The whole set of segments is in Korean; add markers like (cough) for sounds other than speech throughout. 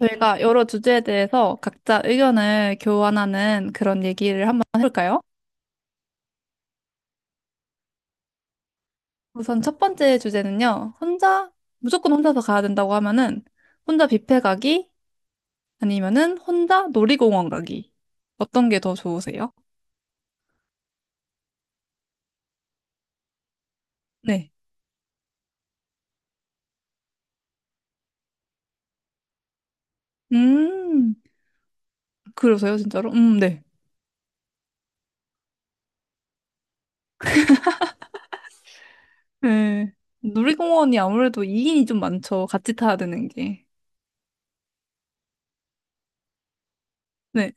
저희가 여러 주제에 대해서 각자 의견을 교환하는 그런 얘기를 한번 해볼까요? 우선 첫 번째 주제는요. 무조건 혼자서 가야 된다고 하면은 혼자 뷔페 가기 아니면은 혼자 놀이공원 가기. 어떤 게 더 좋으세요? 네. 음, 그러세요, 진짜로? 네. 네. 놀이공원이 아무래도 2인이 좀 많죠. 같이 타야 되는 게. 네.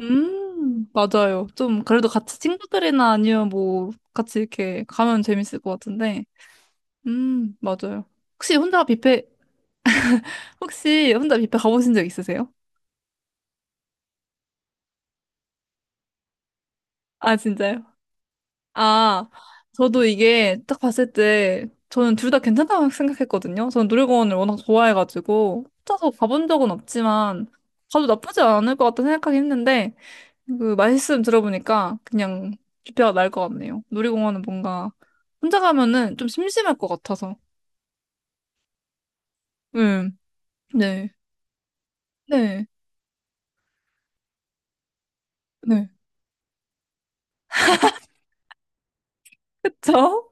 맞아요. 좀, 그래도 같이 친구들이나 아니면 뭐, 같이 이렇게 가면 재밌을 것 같은데. 맞아요. 혹시 혼자 뷔페, 혹시 혼자 뷔페 가보신 적 있으세요? 아, 진짜요? 아, 저도 이게 딱 봤을 때 저는 둘 다 괜찮다고 생각했거든요. 저는 놀이공원을 워낙 좋아해가지고 혼자서 가본 적은 없지만 가도 나쁘지 않을 것 같다 생각하긴 했는데 그 말씀 들어보니까 그냥 뷔페가 나을 것 같네요. 놀이공원은 뭔가 혼자 가면은 좀 심심할 것 같아서. 음, 네. 네. 네. 그쵸?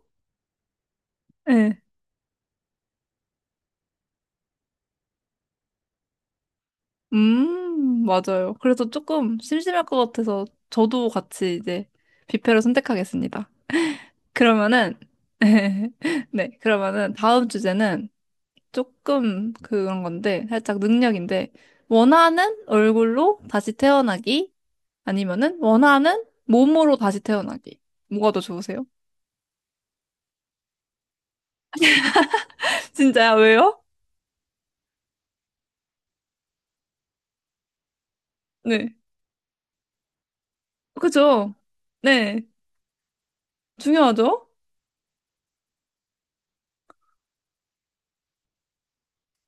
네. 맞아요. 그래서 조금 심심할 것 같아서 저도 같이 이제 뷔페로 선택하겠습니다. 그러면은, (laughs) 네, 그러면은 다음 주제는 조금 그런 건데, 살짝 능력인데, 원하는 얼굴로 다시 태어나기, 아니면은 원하는 몸으로 다시 태어나기. 뭐가 더 좋으세요? (laughs) 진짜요? 왜요? 네. 그죠? 네. 중요하죠?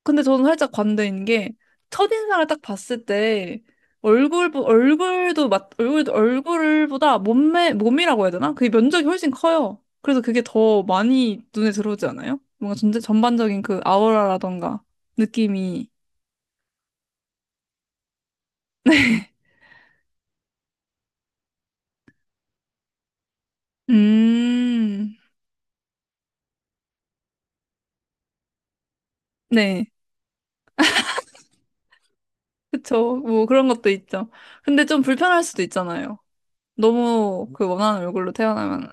근데 저는 살짝 관대인 게 첫인상을 딱 봤을 때 얼굴 얼굴도 맞 얼굴도 얼굴보다 몸매 몸이라고 해야 되나? 그게 면적이 훨씬 커요. 그래서 그게 더 많이 눈에 들어오지 않아요? 뭔가 전체 전반적인 그 아우라라던가 느낌이 음. 네. 그쵸. 뭐 그런 것도 있죠. 근데 좀 불편할 수도 있잖아요. 너무 그 원하는 얼굴로 태어나면.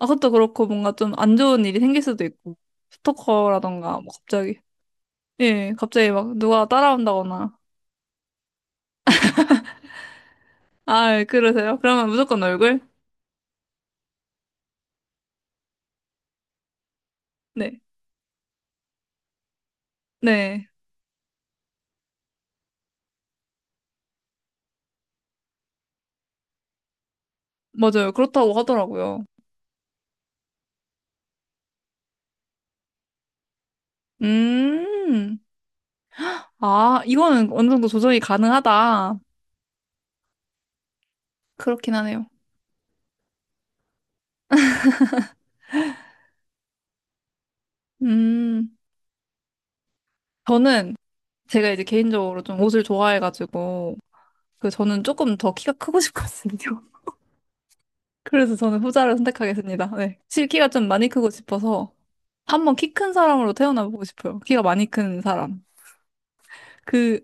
아, 그것도 그렇고 뭔가 좀 안 좋은 일이 생길 수도 있고. 스토커라던가 뭐 갑자기 예, 갑자기 막 누가 따라온다거나. 아, 예, 그러세요? 그러면 무조건 얼굴? 네. 네. 맞아요. 그렇다고 하더라고요. 음. 아, 이거는 어느 정도 조정이 가능하다. 그렇긴 하네요. 음. 저는 제가 이제 개인적으로 좀 옷을 좋아해가지고, 그 저는 조금 더 키가 크고 싶거든요. (laughs) 그래서 저는 후자를 선택하겠습니다. 네. 실 키가 좀 많이 크고 싶어서 한번 키 큰 사람으로 태어나보고 싶어요. 키가 많이 큰 사람. 그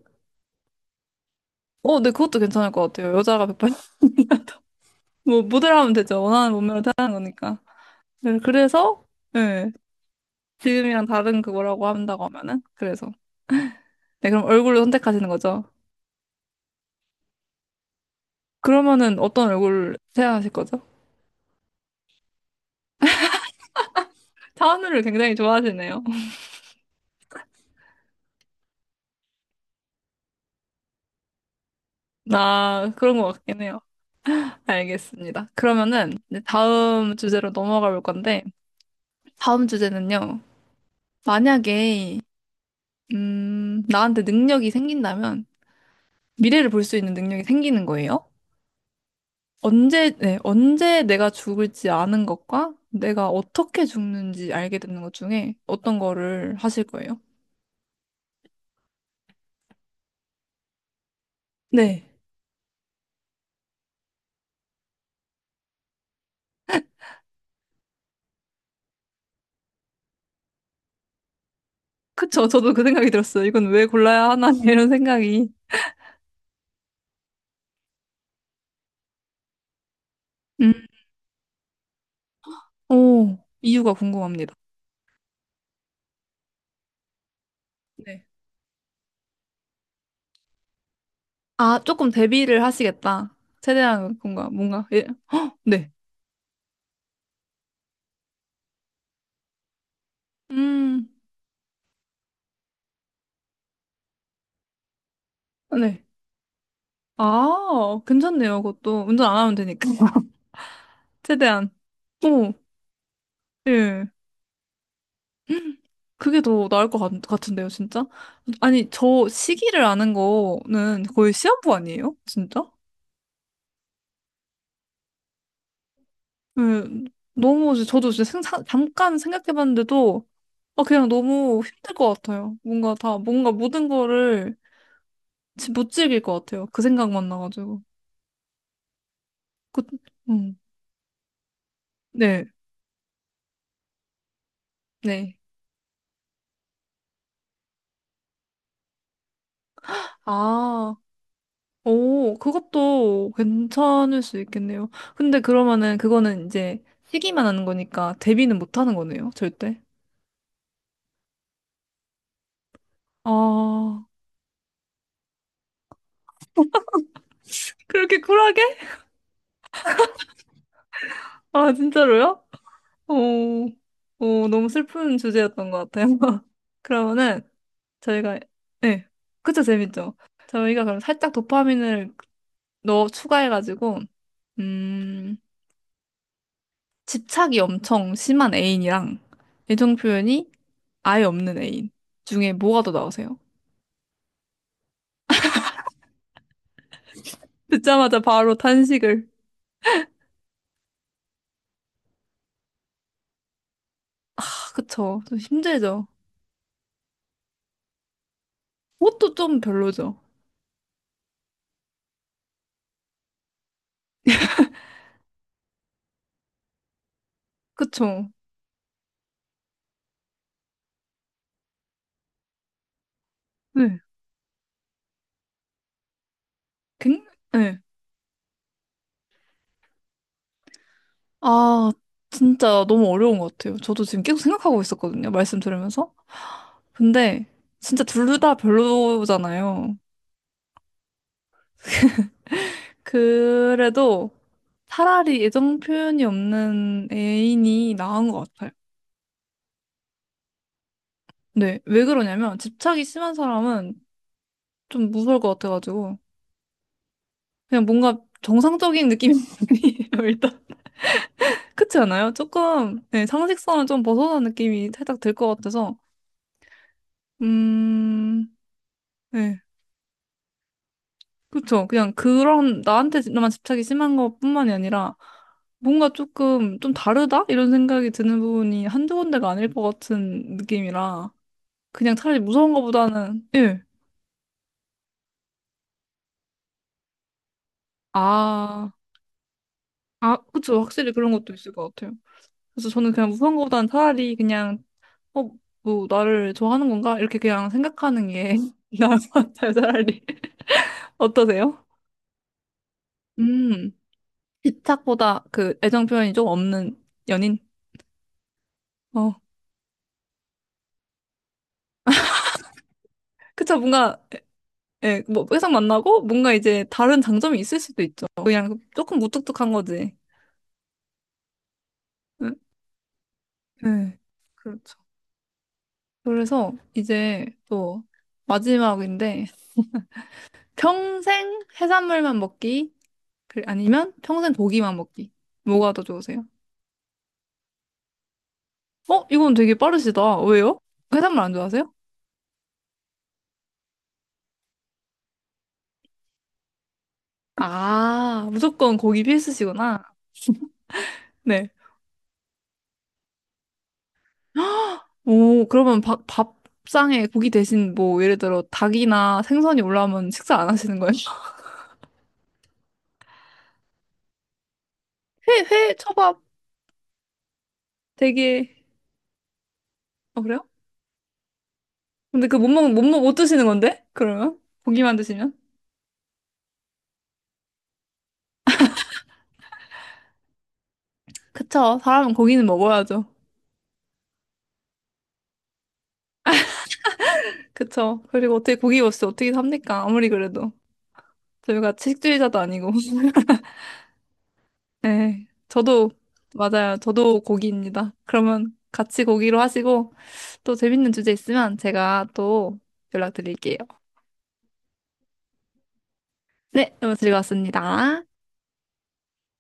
네, 그것도 괜찮을 것 같아요. 여자가 180이라도. (laughs) 뭐, 모델 하면 되죠. 원하는 몸매로 태어난 거니까. 네, 그래서, 예, 지금이랑 다른 그거라고 한다고 하면은. 그래서. 네, 그럼 얼굴로 선택하시는 거죠. 그러면은 어떤 얼굴 생각하실 거죠? 차은우를 굉장히 좋아하시네요. (laughs) 나 그런 것 같긴 해요. 알겠습니다. 그러면은 이제 다음 주제로 넘어가 볼 건데, 다음 주제는요. 만약에, 나한테 능력이 생긴다면, 미래를 볼 수 있는 능력이 생기는 거예요? 네, 언제 내가 죽을지 아는 것과 내가 어떻게 죽는지 알게 되는 것 중에 어떤 거를 하실 거예요? 네. 그쵸. 저도 그 생각이 들었어요. 이건 왜 골라야 하나, (laughs) 이런 생각이. 음. 오, 이유가 궁금합니다. 네. 아, 조금 대비를 하시겠다. 최대한 뭔가, 뭔가, 예. 네. 음, 네. 아, 괜찮네요. 그것도 운전 안 하면 되니까. (laughs) 최대한. 오, 예. 그게 더 나을 것 같은데요, 진짜? 아니, 저 시기를 아는 거는 거의 시한부 아니에요? 진짜? 네, 너무, 이제 저도 진짜 생사, 잠깐 생각해봤는데도, 아, 그냥 너무 힘들 것 같아요. 뭔가 뭔가 모든 거를 못 즐길 것 같아요. 그 생각만 나가지고. 그, 음, 네, 네. 아, 오, 그것도 괜찮을 수 있겠네요. 근데 그러면은 그거는 이제 시기만 하는 거니까 데뷔는 못 하는 거네요, 절대. 아. 그렇게 쿨하게? 아, 진짜로요? 어, 너무 슬픈 주제였던 것 같아요. (laughs) 그러면은 저희가, 네, 그쵸, 재밌죠? 저희가 그럼 살짝 도파민을 넣어 추가해가지고, 음, 집착이 엄청 심한 애인이랑 애정 표현이 아예 없는 애인 중에 뭐가 더 나오세요? 듣자마자 바로 탄식을. 아, 그쵸. 좀 힘들죠. 그것도 좀 별로죠. 그쵸. 네. 굉, 네. 아, 진짜 너무 어려운 것 같아요. 저도 지금 계속 생각하고 있었거든요. 말씀 들으면서. 근데 진짜 둘다 별로잖아요. 그래도 차라리 애정 표현이 없는 애인이 나은 것 같아요. 네, 왜 그러냐면 집착이 심한 사람은 좀 무서울 것 같아가지고 그냥 뭔가 정상적인 느낌이 (laughs) 아니에요, 일단. 그렇지 않아요? 조금 네, 상식선을 좀 벗어난 느낌이 살짝 들 것 같아서 음, 네. 그쵸. 그냥 그런 나한테만 집착이 심한 것뿐만이 아니라 뭔가 조금 좀 다르다? 이런 생각이 드는 부분이 한두 군데가 아닐 것 같은 느낌이라 그냥 차라리 무서운 것보다는 예. 아, 아, 그쵸. 확실히 그런 것도 있을 것 같아요. 그래서 저는 그냥 무서운 것보다는 차라리 그냥 어, 뭐 나를 좋아하는 건가? 이렇게 그냥 생각하는 게 (laughs) 나을 것 같아요. 차라리. (laughs) 어떠세요? 음. 집착보다 그 애정 표현이 좀 없는 연인? 어. 그쵸. 뭔가 예, 뭐 회사 만나고 뭔가 이제 다른 장점이 있을 수도 있죠. 그냥 조금 무뚝뚝한 거지. 응, 예, 그렇죠. 그래서 이제 또 마지막인데 평생 해산물만 먹기 아니면 평생 고기만 먹기 뭐가 더 좋으세요? 어, 이건 되게 빠르시다. 왜요? 해산물 안 좋아하세요? 아, 무조건 고기 필수시구나. 네. 오, 그러면 밥상에 고기 대신 뭐 예를 들어 닭이나 생선이 올라오면 식사 안 하시는 거예요? (laughs) 회, 초밥 되게 어, 그래요? 근데 그 못 드시는 건데? 그러면? 고기만 드시면? 그쵸. 사람은 고기는 먹어야죠. 그쵸. 그리고 어떻게 고기 없이 어떻게 삽니까? 아무리 그래도. 저희가 채식주의자도 아니고. (laughs) 네. 저도, 맞아요. 저도 고기입니다. 그러면 같이 고기로 하시고 또 재밌는 주제 있으면 제가 또 연락드릴게요. 네. 너무 즐거웠습니다.